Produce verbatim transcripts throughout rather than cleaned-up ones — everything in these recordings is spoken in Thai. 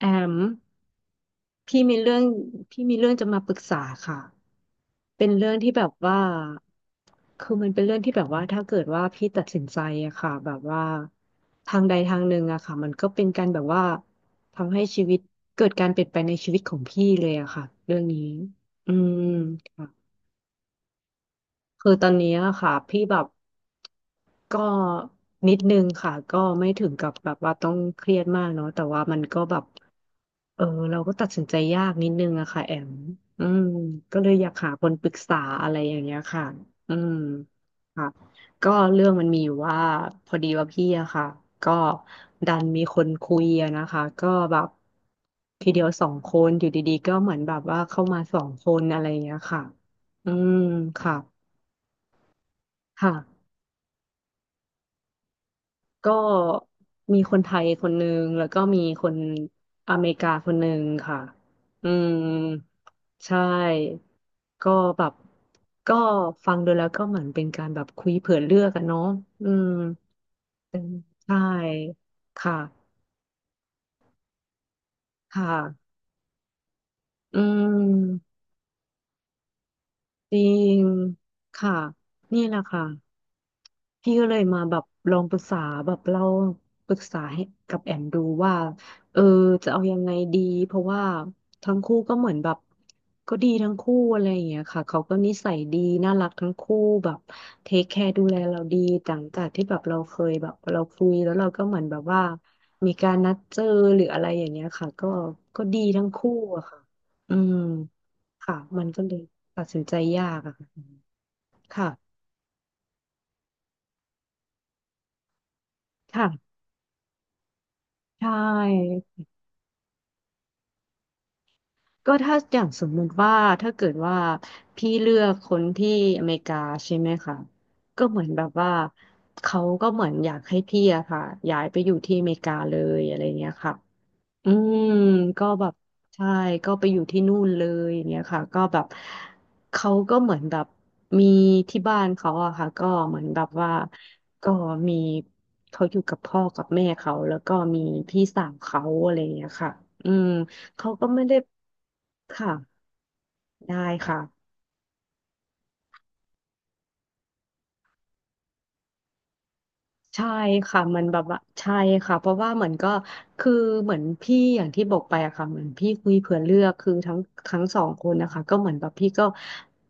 แอมพี่มีเรื่องพี่มีเรื่องจะมาปรึกษาค่ะเป็นเรื่องที่แบบว่าคือมันเป็นเรื่องที่แบบว่าถ้าเกิดว่าพี่ตัดสินใจอะค่ะแบบว่าทางใดทางหนึ่งอะค่ะมันก็เป็นการแบบว่าทำให้ชีวิตเกิดการเปลี่ยนแปลงในชีวิตของพี่เลยอะค่ะเรื่องนี้อืมค่ะคือตอนนี้อะค่ะพี่แบบก็นิดนึงค่ะก็ไม่ถึงกับแบบว่าต้องเครียดมากเนาะแต่ว่ามันก็แบบ เออเราก็ตัดสินใจยากนิดนึงอะค่ะแอมอืมก็เลยอยากหาคนปรึกษาอะไรอย่างเงี้ยค่ะอืมค่ะก็เรื่องมันมีอยู่ว่าพอดีว่าพี่อะค่ะก็ดันมีคนคุยอะนะคะก็แบบทีเดียวสองคนอยู่ดีๆก็เหมือนแบบว่าเข้ามาสองคนอะไรอย่างเงี้ยค่ะอืมค่ะค่ะก็มีคนไทยคนหนึงแล้วก็มีคนอเมริกาคนหนึงค่ะอืม ใช่ ก็แบบ ก็ฟังดูแล้วก็เหมือนเป็นการแบบคุยเผื่อเลือกอะเนาะอืม ใช่ ค่ะ ค่ะ อืม จริงค่ะนี่แหละค่ะพี่ก็เลยมาแบบลองปรึกษาแบบเราปรึกษาให้กับแอมดูว่าเออจะเอายังไงดีเพราะว่าทั้งคู่ก็เหมือนแบบก็ดีทั้งคู่อะไรอย่างเงี้ยค่ะเขาก็นิสัยดีน่ารักทั้งคู่แบบเทคแคร์ดูแลเราดีหลังจากที่แบบเราเคยแบบเราคุยแล้วเราก็เหมือนแบบว่ามีการนัดเจอหรืออะไรอย่างเงี้ยค่ะก็ก็ดีทั้งคู่อะค่ะอืมค่ะมันก็เลย ตัดสินใจยากอะค่ะค่ะ ใช่ ก็ถ้าอย่างสมมุติว่าถ้าเกิดว่าพี่เลือกคนที่อเมริกาใช่ไหมคะก็เหมือนแบบว่าเขาก็เหมือนอยากให้พี่อะค่ะย้ายไปอยู่ที่อเมริกาเลยอะไรเงี้ยค่ะ อืมก็แบบใช่ก็ไปอยู่ที่นู่นเลยอย่างเงี้ยค่ะก็แบบเขาก็เหมือนแบบมีที่บ้านเขาอะค่ะก็เหมือนแบบว่าก็มีเขาอยู่กับพ่อกับแม่เขาแล้วก็มีพี่สาวเขาอะไรอย่างเงี้ยค่ะอืมเขาก็ไม่ได้ค่ะได้ค่ะ ใช่ค่ะมันแบบว่าใช่ค่ะเพราะว่าเหมือนก็คือเหมือนพี่อย่างที่บอกไปอะค่ะเหมือนพี่คุยเผื่อเลือกคือทั้งทั้งสองคนนะคะก็เหมือนแบบพี่ก็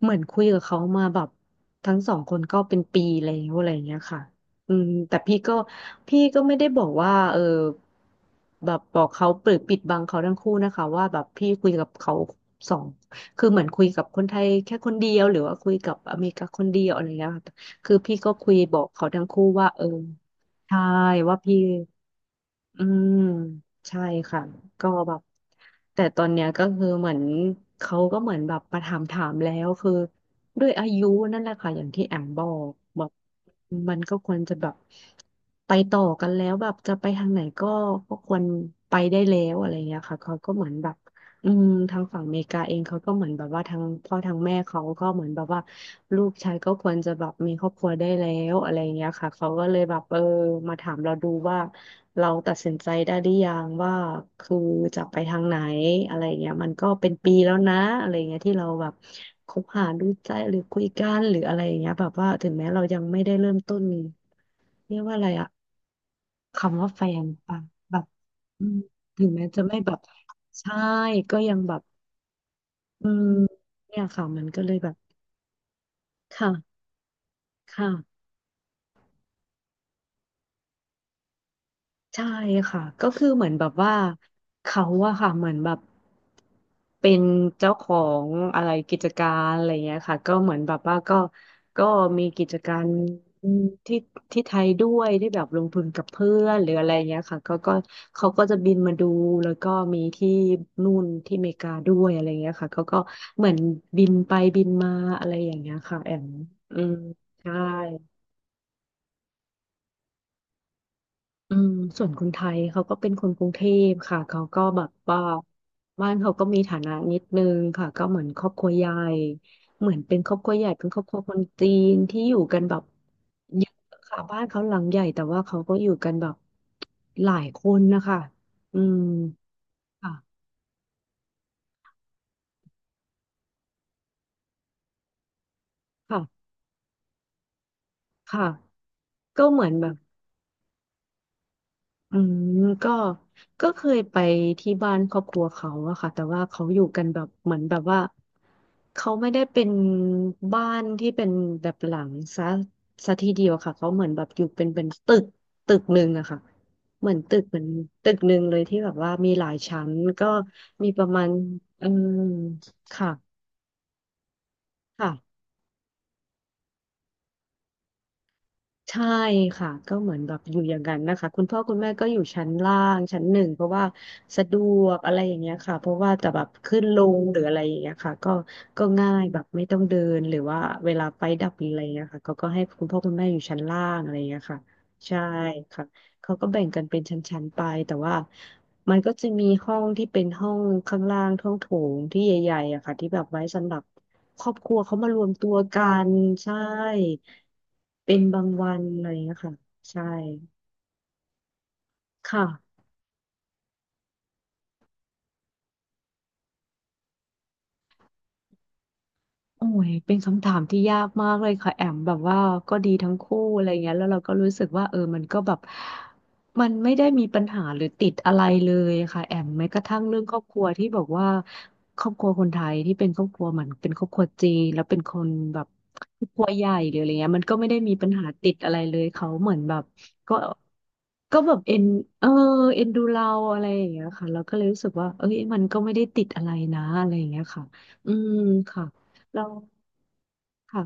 เหมือนคุยกับเขามาแบบทั้งสองคนก็เป็นปีแล้วอะไรอย่างเงี้ยค่ะอืมแต่พี่ก็พี่ก็ไม่ได้บอกว่าเออแบบบอกเขาเปิดปิดบังเขาทั้งคู่นะคะว่าแบบพี่คุยกับเขาสองคือเหมือนคุยกับคนไทยแค่คนเดียวหรือว่าคุยกับอเมริกาคนเดียวอะไรอย่างเงี้ยค่ะ คือพี่ก็คุยบอกเขาทั้งคู่ว่าเออใช่ว่าพี่อืมใช่ค่ะก็แบบแต่ตอนเนี้ยก็คือเหมือนเขาก็เหมือนแบบมาถามถามแล้วคือด้วยอายุนั่นแหละค่ะอย่างที่แอมบอกแบบมันก็ควรจะแบบไปต่อกันแล้วแบบจะไปทางไหนก็ก็ควรไปได้แล้วอะไรเงี้ยค่ะเขาก็เหมือนแบบ อืมทางฝั่งอเมริกาเองเขาก็เหมือนแบบว่าทางพ่อทางแม่เขาก็เหมือนแบบว่าลูกชายก็ควรจะแบบมีครอบครัวได้แล้วอะไรอย่างเงี้ยค่ะเขาก็เลยแบบเออมาถามเราดูว่าเราตัดสินใจได้หรือยังว่าคือจะไปทางไหนอะไรอย่างเงี้ยมันก็เป็นปีแล้วนะอะไรอย่างเงี้ยที่เราแบบคบหาดูใจหรือคุยกันหรืออะไรอย่างเงี้ยแบบว่าถึงแม้เรายังไม่ได้เริ่มต้นเรียกว่าอะไรอะคำว่าแฟนปะแบบอืมถึงแม้จะไม่แบบใช่ก็ยังแบบ อืมเนี่ยค่ะมันก็เลยแบบค่ะค่ะใช่ค่ะก็คือเหมือนแบบว่าเขาอะค่ะเหมือนแบบเป็นเจ้าของอะไรกิจการอะไรเงี้ยค่ะก็เหมือนแบบว่าก็ก็มีกิจการที่ที่ไทยด้วยที่แบบลงทุนกับเพื่อนหรืออะไรเงี้ยค่ะก็ก็เขาก็จะบินมาดูแล้วก็มีที่นู่นที่อเมริกาด้วยอะไรเงี้ยค่ะเขาก็เหมือนบินไปบินมาอะไรอย่างเงี้ยค่ะแอมอืมใช่ อืมส่วนคนไทยเขาก็เป็นคนกรุงเทพค่ะเขาก็แบบว่าบ้านเขาก็มีฐานะนิดนึงค่ะก็เหมือนครอบครัวใหญ่เหมือนเป็นครอบครัวใหญ่เป็นครอบครัวคนจีนที่อยู่กันแบบเยอะค่ะบ้านเขาหลังใหญ่แต่ว่าเขาก็อยู่กันแบบหลายคนนะคะอืมค่ะค่ะค่ะก็เหมือนแบบ อืมก็ก็เคยไปที่บ้านครอบครัวเขาอะค่ะแต่ว่าเขาอยู่กันแบบเหมือนแบบว่าเขาไม่ได้เป็นบ้านที่เป็นแบบหลังซะซะทีเดียวค่ะเขาเหมือนแบบอยู่เป็นเป็นตึกตึกหนึ่งอะค่ะเหมือนตึกเหมือนตึกหนึ่งเลยที่แบบว่ามีหลายชั้นก็มีประมาณเออค่ะค่ะ ใช่ค่ะก็เหมือนแบบอยู่อย่างนั้นนะคะคุณพ่อคุณแม่ก็อยู่ชั้นล่างชั้นหนึ่งเพราะว่าสะดวกอะไรอย่างเงี้ยค่ะเพราะว่าแต่แบบขึ้นลงหรืออะไรอย่างเงี้ยค่ะก็ก็ง่ายแบบไม่ต้องเดินหรือว่าเวลาไฟดับหรืออะไรเงี้ยค่ะเขาก็ให้คุณพ่อคุณแม่อยู่ชั้นล่างอะไรเงี้ยค่ะใช่ค่ะเขาก็แบ่งกันเป็นชั้นๆไปแต่ว่า มันก็จะมีห้องที่เป็นห้องข้างล่างห้องโถงที่ใหญ่ๆอะค่ะที่แบบไว้สำหรับครอบครัวเขามารวมตัวกันใช่เป็นบางวันอะไรอย่างเงี้ยค่ะใช่ค่ะ โอ้ยเป็นคำถามที่ยากมากเลยค่ะแอมแบบว่าก็ดีทั้งคู่อะไรเงี้ยแล้วเราก็รู้สึกว่าเออมันก็แบบมันไม่ได้มีปัญหาหรือติดอะไรเลยค่ะแอมแม้กระทั่งเรื่องครอบครัวที่บอกว่าครอบครัวคนไทยที่เป็นครอบครัวเหมือนเป็นครอบครัวจีนแล้วเป็นคนแบบครอบครัวใหญ่หรืออะไรเงี้ยมันก็ไม่ได้มีปัญหาติดอะไรเลยเขาเหมือนแบบก็ก็แบบเอ็นเออเอ็นดูเราอะไรอย่างเงี้ยค่ะเราก็เลยรู้สึกว่าเอ้ยมันก็ไม่ได้ติดอะไรนะอะไรอย่างเงี้ยค่ะอืมค่ะ เราค่ะ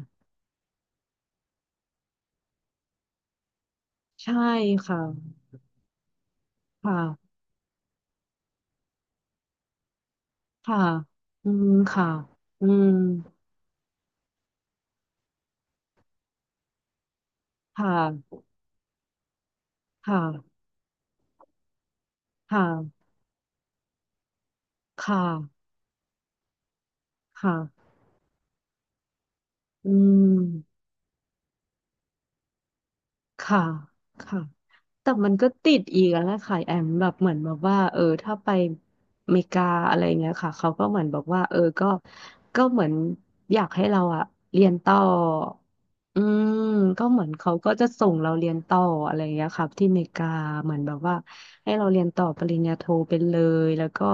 ใช่ค่ะค่ะค่ะอืมค่ะอืมค่ะค่ะค่ะค่ะค่ะอืมค่ะค่ะแต่มันก็ติดอีกแล้วค่ะแอมแบบเหมือนแบบว่าเออถ้าไปอเมริกาอะไรเงี้ยค่ะเขาก็เหมือนบอกว่าเออก็ก็เหมือนอยากให้เราอะเรียนต่ออืมก็เหมือนเขาก็จะส่งเราเรียนต่ออะไรเงี้ยครับที่อเมริกาเหมือนแบบว่า ให้เราเรียนต่อปริญญาโทเป็นเลยแล้วก็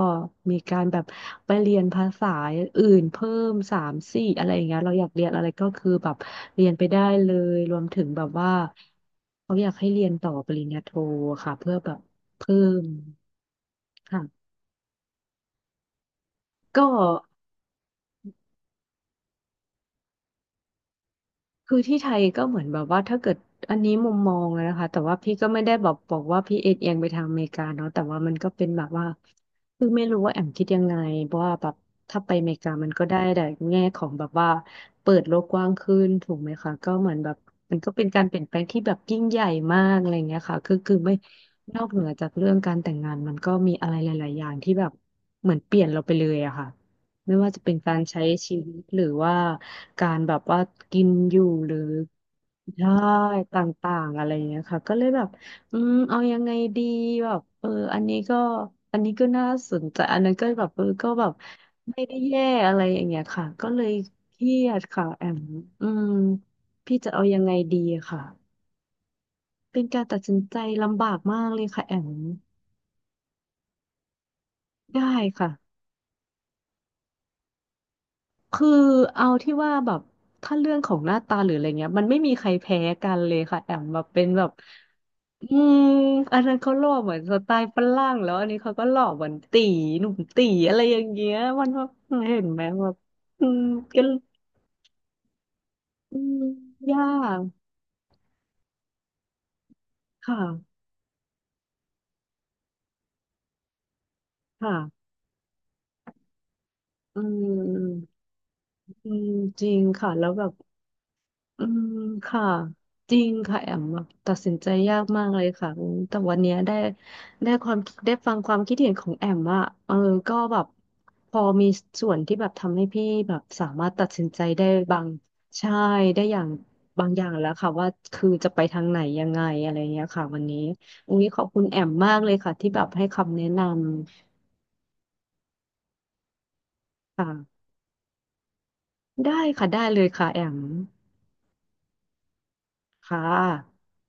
มีการแบบไปเรียนภาษาอื่นเพิ่มสามสี่อะไรอย่างเงี้ยเราอยากเรียนอะไรก็คือแบบเรียนไปได้เลยรวมถึงแบบว่าเขาอยากให้เรียนต่อปริญญาโทค่ะเพื่อแบบเพิ่มค่ะก็ คือที่ไทยก็เหมือนแบบว่าถ้าเกิดอันนี้มุมมองอะนะคะแต่ว่าพี่ก็ไม่ได้แบบบอกว่าพี่เอ็นเอียงไปทางอเมริกาเนาะแต่ว่ามันก็เป็นแบบว่าคือไม่รู้ว่าแอมคิดยังไงเพราะว่าแบบถ้าไปอเมริกามันก็ได้แต่แง่ของแบบว่าเปิดโลกกว้างขึ้นถูกไหมคะก็เหมือนแบบมันก็เป็นการเปลี่ยนแปลงที่แบบยิ่งใหญ่มากอะไรเงี้ยค่ะคือคือไม่นอกเหนือจากเรื่องการแต่งงานมันก็มีอะไรหลายๆอย่างที่แบบเหมือนเปลี่ยนเราไปเลยอะค่ะ ไม่ว่าจะเป็นการใช้ชีวิตหรือว่าการแบบว่ากินอยู่หรือใช่ต่างๆอะไรอย่างเงี้ยค่ะก็เลยแบบอืมเอายังไงดีแบบเอออันนี้ก็อันนี้ก็น่าสนใจอันนั้นก็แบบเออก็แบบไม่ได้แย่อะไรอย่างเงี้ยค่ะก็เลยเครียดค่ะแอมอืมพี่จะเอายังไงดีค่ะเป็นการตัดสินใจลำบากมากเลยค่ะแอมได้ค่ะ คือเอาที่ว่าแบบถ้าเรื่องของหน้าตาหรืออะไรเงี้ยมันไม่มีใครแพ้กันเลยค่ะแอมแบบเป็นแบบอืมอันนั้นเขาหล่อเหมือนสไตล์ฝรั่งแล้วอันนี้เขาก็หล่อเหมือนตีหนุ่มตีอะไรอย่างเงี้ยมันแบบเห็นไหมแบบอืมก็อืมยากค่ะค่ะอืมอืมจริงค่ะแล้วแบบ อืมค่ะจริงค่ะแอมแบบตัดสินใจยากมากเลยค่ะอืมแต่วันเนี้ยได้ได้ความได้ฟังความคิดเห็นของแอมอะเออก็แบบพอมีส่วนที่แบบทำให้พี่แบบสามารถตัดสินใจได้บางใช่ได้อย่างบางอย่างแล้วค่ะว่าคือจะไปทางไหนยังไงอะไรเงี้ยค่ะวันนี้อุ้ยขอบคุณแอมมากเลยค่ะที่แบบให้คำแนะนำค่ะได้ค่ะได้เลยค่ะแอมค่ะ